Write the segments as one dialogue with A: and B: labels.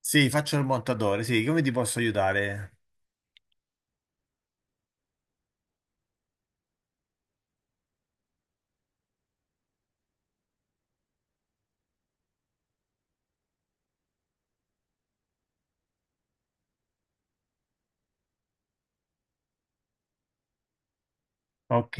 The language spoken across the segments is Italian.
A: Sì, faccio il montatore, sì, come ti posso aiutare? Ok.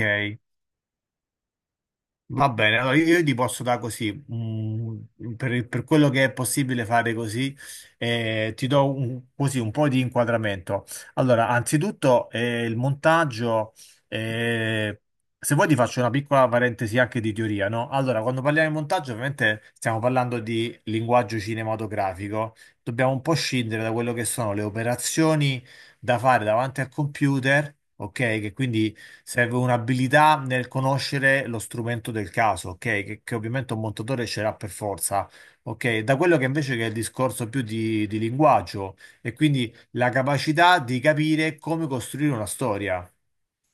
A: Va bene, allora io ti posso dare così, per quello che è possibile fare così, ti do un, così un po' di inquadramento. Allora, anzitutto il montaggio, eh, se vuoi ti faccio una piccola parentesi anche di teoria, no? Allora, quando parliamo di montaggio, ovviamente stiamo parlando di linguaggio cinematografico, dobbiamo un po' scindere da quello che sono le operazioni da fare davanti al computer, ok? Che quindi serve un'abilità nel conoscere lo strumento del caso, ok? Che ovviamente un montatore ce l'ha per forza, ok? Da quello che invece che è il discorso più di linguaggio e quindi la capacità di capire come costruire una storia,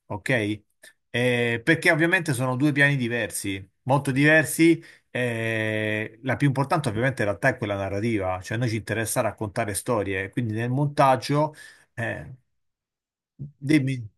A: ok? Perché ovviamente sono due piani diversi, molto diversi. La più importante ovviamente in realtà è quella narrativa, cioè a noi ci interessa raccontare storie, quindi nel montaggio... eh, Dimmi,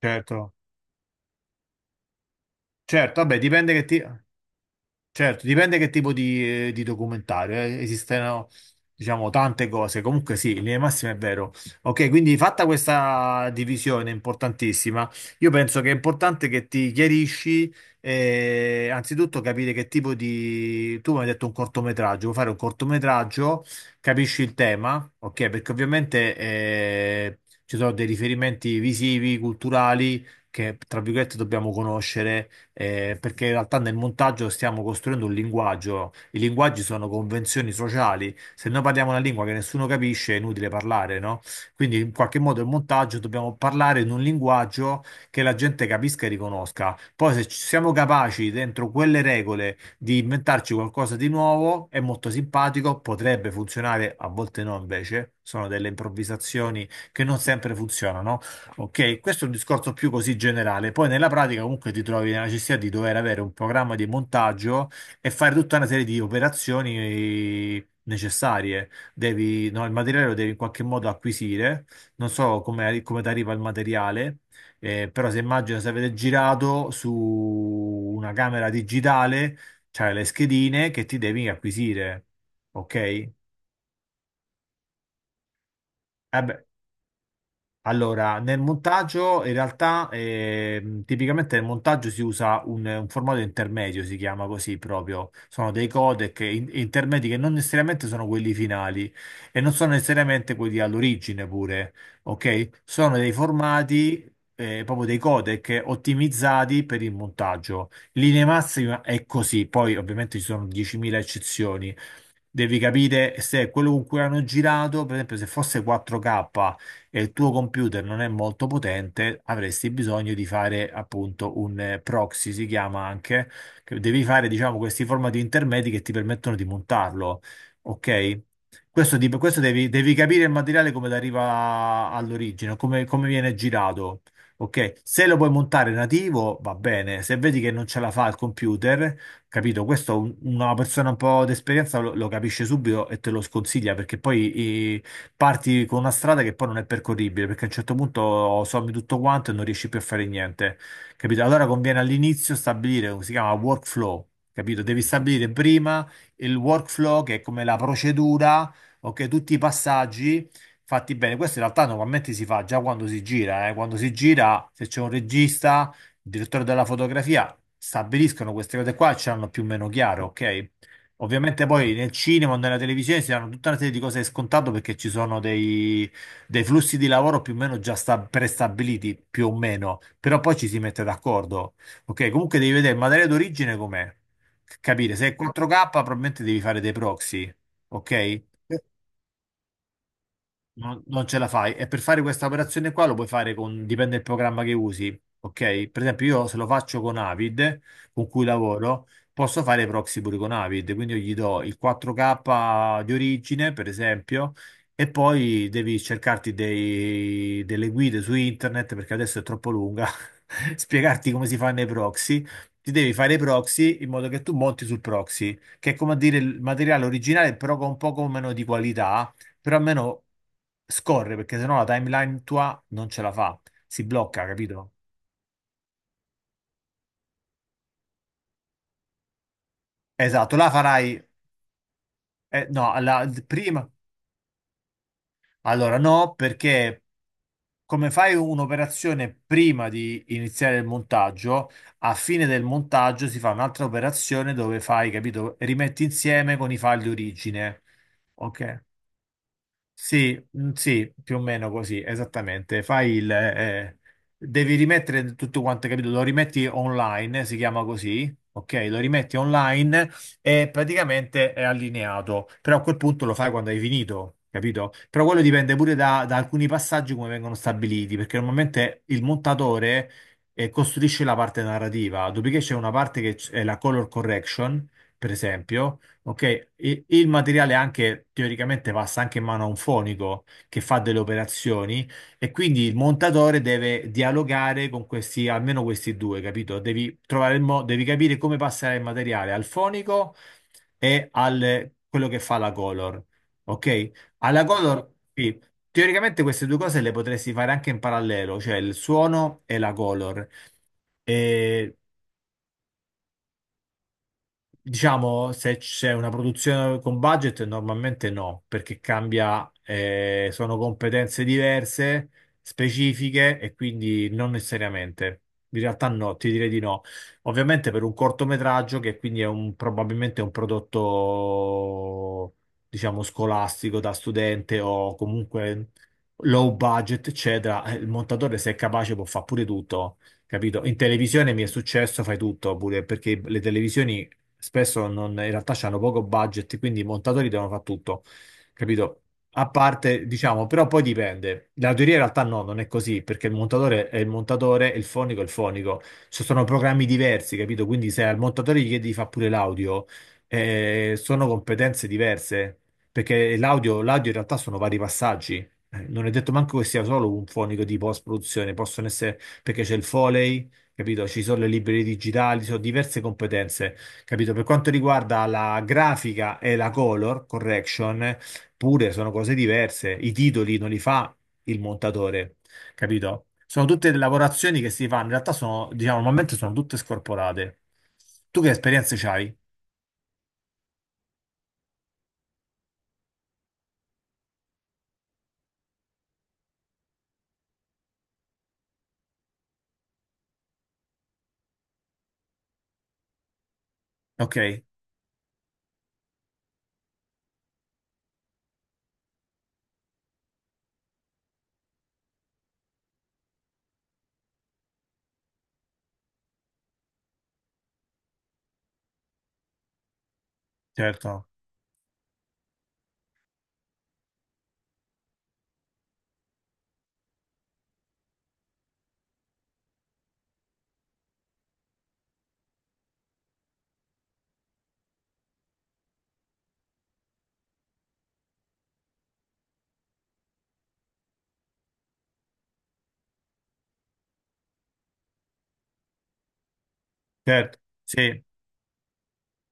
A: certo. Certo, vabbè, certo, dipende che tipo di documentario. Esistono, diciamo, tante cose. Comunque sì, in linea di massima è vero. Ok, quindi fatta questa divisione importantissima, io penso che è importante che ti chiarisci, anzitutto capire che tipo di... Tu mi hai detto un cortometraggio, vuoi fare un cortometraggio, capisci il tema, ok? Perché ovviamente ci sono dei riferimenti visivi, culturali, che, tra virgolette, dobbiamo conoscere perché in realtà nel montaggio stiamo costruendo un linguaggio, i linguaggi sono convenzioni sociali, se noi parliamo una lingua che nessuno capisce è inutile parlare, no? Quindi in qualche modo il montaggio dobbiamo parlare in un linguaggio che la gente capisca e riconosca. Poi se ci siamo capaci dentro quelle regole di inventarci qualcosa di nuovo, è molto simpatico, potrebbe funzionare, a volte no invece, sono delle improvvisazioni che non sempre funzionano. Ok, questo è un discorso più così generale. Poi nella pratica comunque ti trovi nella necessità di dover avere un programma di montaggio e fare tutta una serie di operazioni necessarie. Devi, no, il materiale lo devi in qualche modo acquisire. Non so come, come ti arriva il materiale, però se immagino se avete girato su una camera digitale, c'hai le schedine che ti devi acquisire. Ok? Beh, Allora, nel montaggio in realtà tipicamente nel montaggio si usa un formato intermedio, si chiama così proprio. Sono dei codec intermedi che non necessariamente sono quelli finali e non sono necessariamente quelli all'origine pure, ok? Sono dei formati, proprio dei codec ottimizzati per il montaggio. In linea massima è così, poi ovviamente ci sono 10.000 eccezioni. Devi capire se quello con cui hanno girato, per esempio, se fosse 4K e il tuo computer non è molto potente, avresti bisogno di fare appunto un proxy, si chiama anche, che devi fare diciamo questi formati intermedi che ti permettono di montarlo, ok? Questo, questo devi, devi capire il materiale come arriva all'origine, come, come viene girato. Ok, se lo puoi montare nativo va bene, se vedi che non ce la fa il computer, capito? Questo una persona un po' d'esperienza lo, lo capisce subito e te lo sconsiglia perché poi parti con una strada che poi non è percorribile, perché a un certo punto sommi tutto quanto e non riesci più a fare niente, capito? Allora conviene all'inizio stabilire, si chiama workflow, capito? Devi stabilire prima il workflow, che è come la procedura, ok? Tutti i passaggi fatti bene. Questo in realtà normalmente si fa già quando si gira, eh. Quando si gira, se c'è un regista, il direttore della fotografia, stabiliscono queste cose qua e ce l'hanno più o meno chiaro, ok? Ovviamente poi nel cinema o nella televisione si hanno tutta una serie di cose scontato perché ci sono dei flussi di lavoro più o meno già prestabiliti, più o meno, però poi ci si mette d'accordo. Ok, comunque devi vedere il materiale d'origine com'è, capire se è 4K probabilmente devi fare dei proxy, ok? Non, non ce la fai. E per fare questa operazione qua lo puoi fare con, dipende dal programma che usi, ok? Per esempio io se lo faccio con Avid, con cui lavoro, posso fare i proxy pure con Avid, quindi io gli do il 4K di origine, per esempio, e poi devi cercarti delle guide su internet, perché adesso è troppo lunga, spiegarti come si fanno i proxy. Ti devi fare i proxy in modo che tu monti sul proxy, che è come a dire il materiale originale, però con un poco meno di qualità, però almeno scorre perché sennò la timeline tua non ce la fa, si blocca, capito? Esatto, la farai, no, allora no, perché come fai un'operazione prima di iniziare il montaggio, a fine del montaggio si fa un'altra operazione dove fai, capito? Rimetti insieme con i file di origine, ok? Sì, sì, più o meno così, esattamente. Fai il, devi rimettere tutto quanto, capito? Lo rimetti online, si chiama così, ok? Lo rimetti online e praticamente è allineato, però a quel punto lo fai quando hai finito, capito? Però quello dipende pure da, da alcuni passaggi come vengono stabiliti, perché normalmente il montatore, costruisce la parte narrativa, dopodiché c'è una parte che è la color correction, per esempio. Ok, il materiale anche teoricamente passa anche in mano a un fonico che fa delle operazioni e quindi il montatore deve dialogare con questi, almeno questi due, capito? Devi trovare il modo, devi capire come passare il materiale al fonico e al quello che fa la color. Ok? Alla color, sì, teoricamente queste due cose le potresti fare anche in parallelo, cioè il suono e la color. Diciamo, se c'è una produzione con budget, normalmente no, perché cambia, sono competenze diverse, specifiche e quindi non necessariamente. In realtà no, ti direi di no. Ovviamente per un cortometraggio, che quindi è un, probabilmente un prodotto, diciamo, scolastico da studente o comunque low budget, eccetera, il montatore se è capace può fare pure tutto. Capito? In televisione mi è successo, fai tutto pure perché le televisioni spesso in realtà hanno poco budget, quindi i montatori devono fare tutto, capito? A parte, diciamo, però poi dipende. La teoria in realtà no, non è così, perché il montatore è il montatore e il fonico è il fonico. Ci sono programmi diversi, capito? Quindi se al montatore gli chiedi di fare pure l'audio, sono competenze diverse, perché l'audio in realtà sono vari passaggi. Non è detto manco che sia solo un fonico di post-produzione, possono essere perché c'è il Foley, capito? Ci sono le librerie digitali, ci sono diverse competenze. Capito? Per quanto riguarda la grafica e la color correction, pure sono cose diverse. I titoli non li fa il montatore, capito? Sono tutte lavorazioni che si fanno, in realtà sono, diciamo, normalmente sono tutte scorporate. Tu che esperienze c'hai? Ok, certo, certo, sì.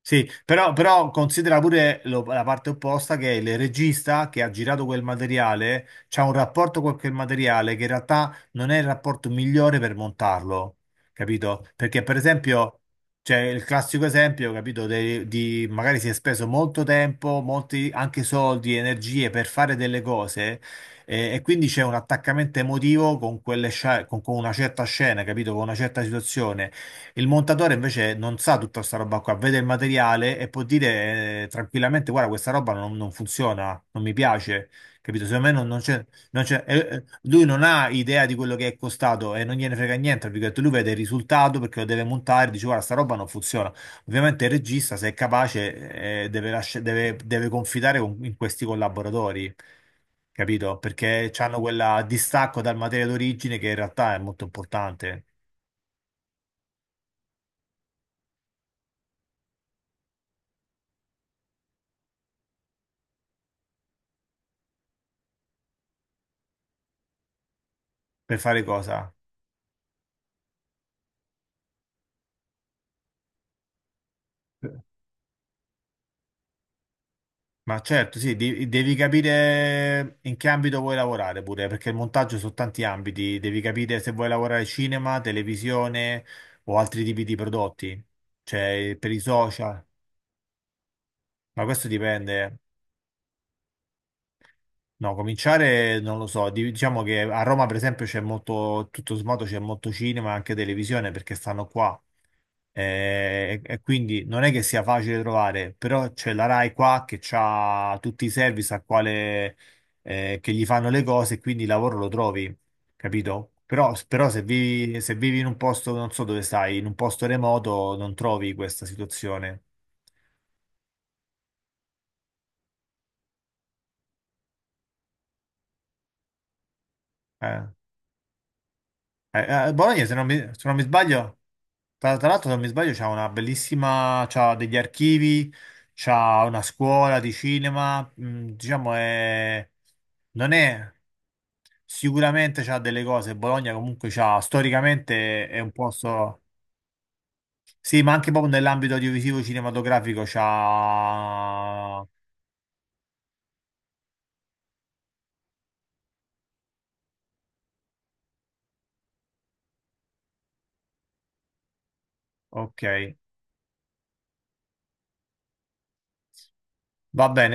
A: Sì, però, però considera pure la parte opposta che il regista che ha girato quel materiale c'ha un rapporto con quel materiale che in realtà non è il rapporto migliore per montarlo, capito? Perché per esempio, c'è il classico esempio, capito, di magari si è speso molto tempo, molti anche soldi, energie per fare delle cose, e quindi c'è un attaccamento emotivo con con una certa scena, capito, con una certa situazione. Il montatore invece non sa tutta questa roba qua, vede il materiale e può dire tranquillamente: Guarda, questa roba non, non funziona, non mi piace. Capito? Secondo me non, non c'è. Non c'è- lui non ha idea di quello che è costato e non gliene frega niente. Tra virgolette. Lui vede il risultato perché lo deve montare. Dice: Guarda, sta roba non funziona. Ovviamente il regista, se è capace, deve, deve confidare in questi collaboratori. Capito? Perché hanno quel distacco dal materiale d'origine che in realtà è molto importante. Per fare cosa? Ma certo, sì, devi capire in che ambito vuoi lavorare pure, perché il montaggio su tanti ambiti, devi capire se vuoi lavorare cinema, televisione o altri tipi di prodotti, cioè per i social, ma questo dipende. No, cominciare non lo so, diciamo che a Roma per esempio c'è molto, tutto sommato c'è molto cinema, anche televisione perché stanno qua. E quindi non è che sia facile trovare, però c'è la Rai qua che ha tutti i service a quale, che gli fanno le cose e quindi il lavoro lo trovi, capito? Però, però se vivi, se vivi in un posto, non so dove stai, in un posto remoto non trovi questa situazione. Eh, Bologna, se non mi sbaglio... Tra l'altro, se non mi sbaglio, c'ha una bellissima, c'ha degli archivi, c'ha una scuola di cinema, diciamo è, non è, sicuramente c'ha delle cose, Bologna comunque c'ha, storicamente è un posto, sì, ma anche proprio nell'ambito audiovisivo cinematografico c'ha, ok, va bene.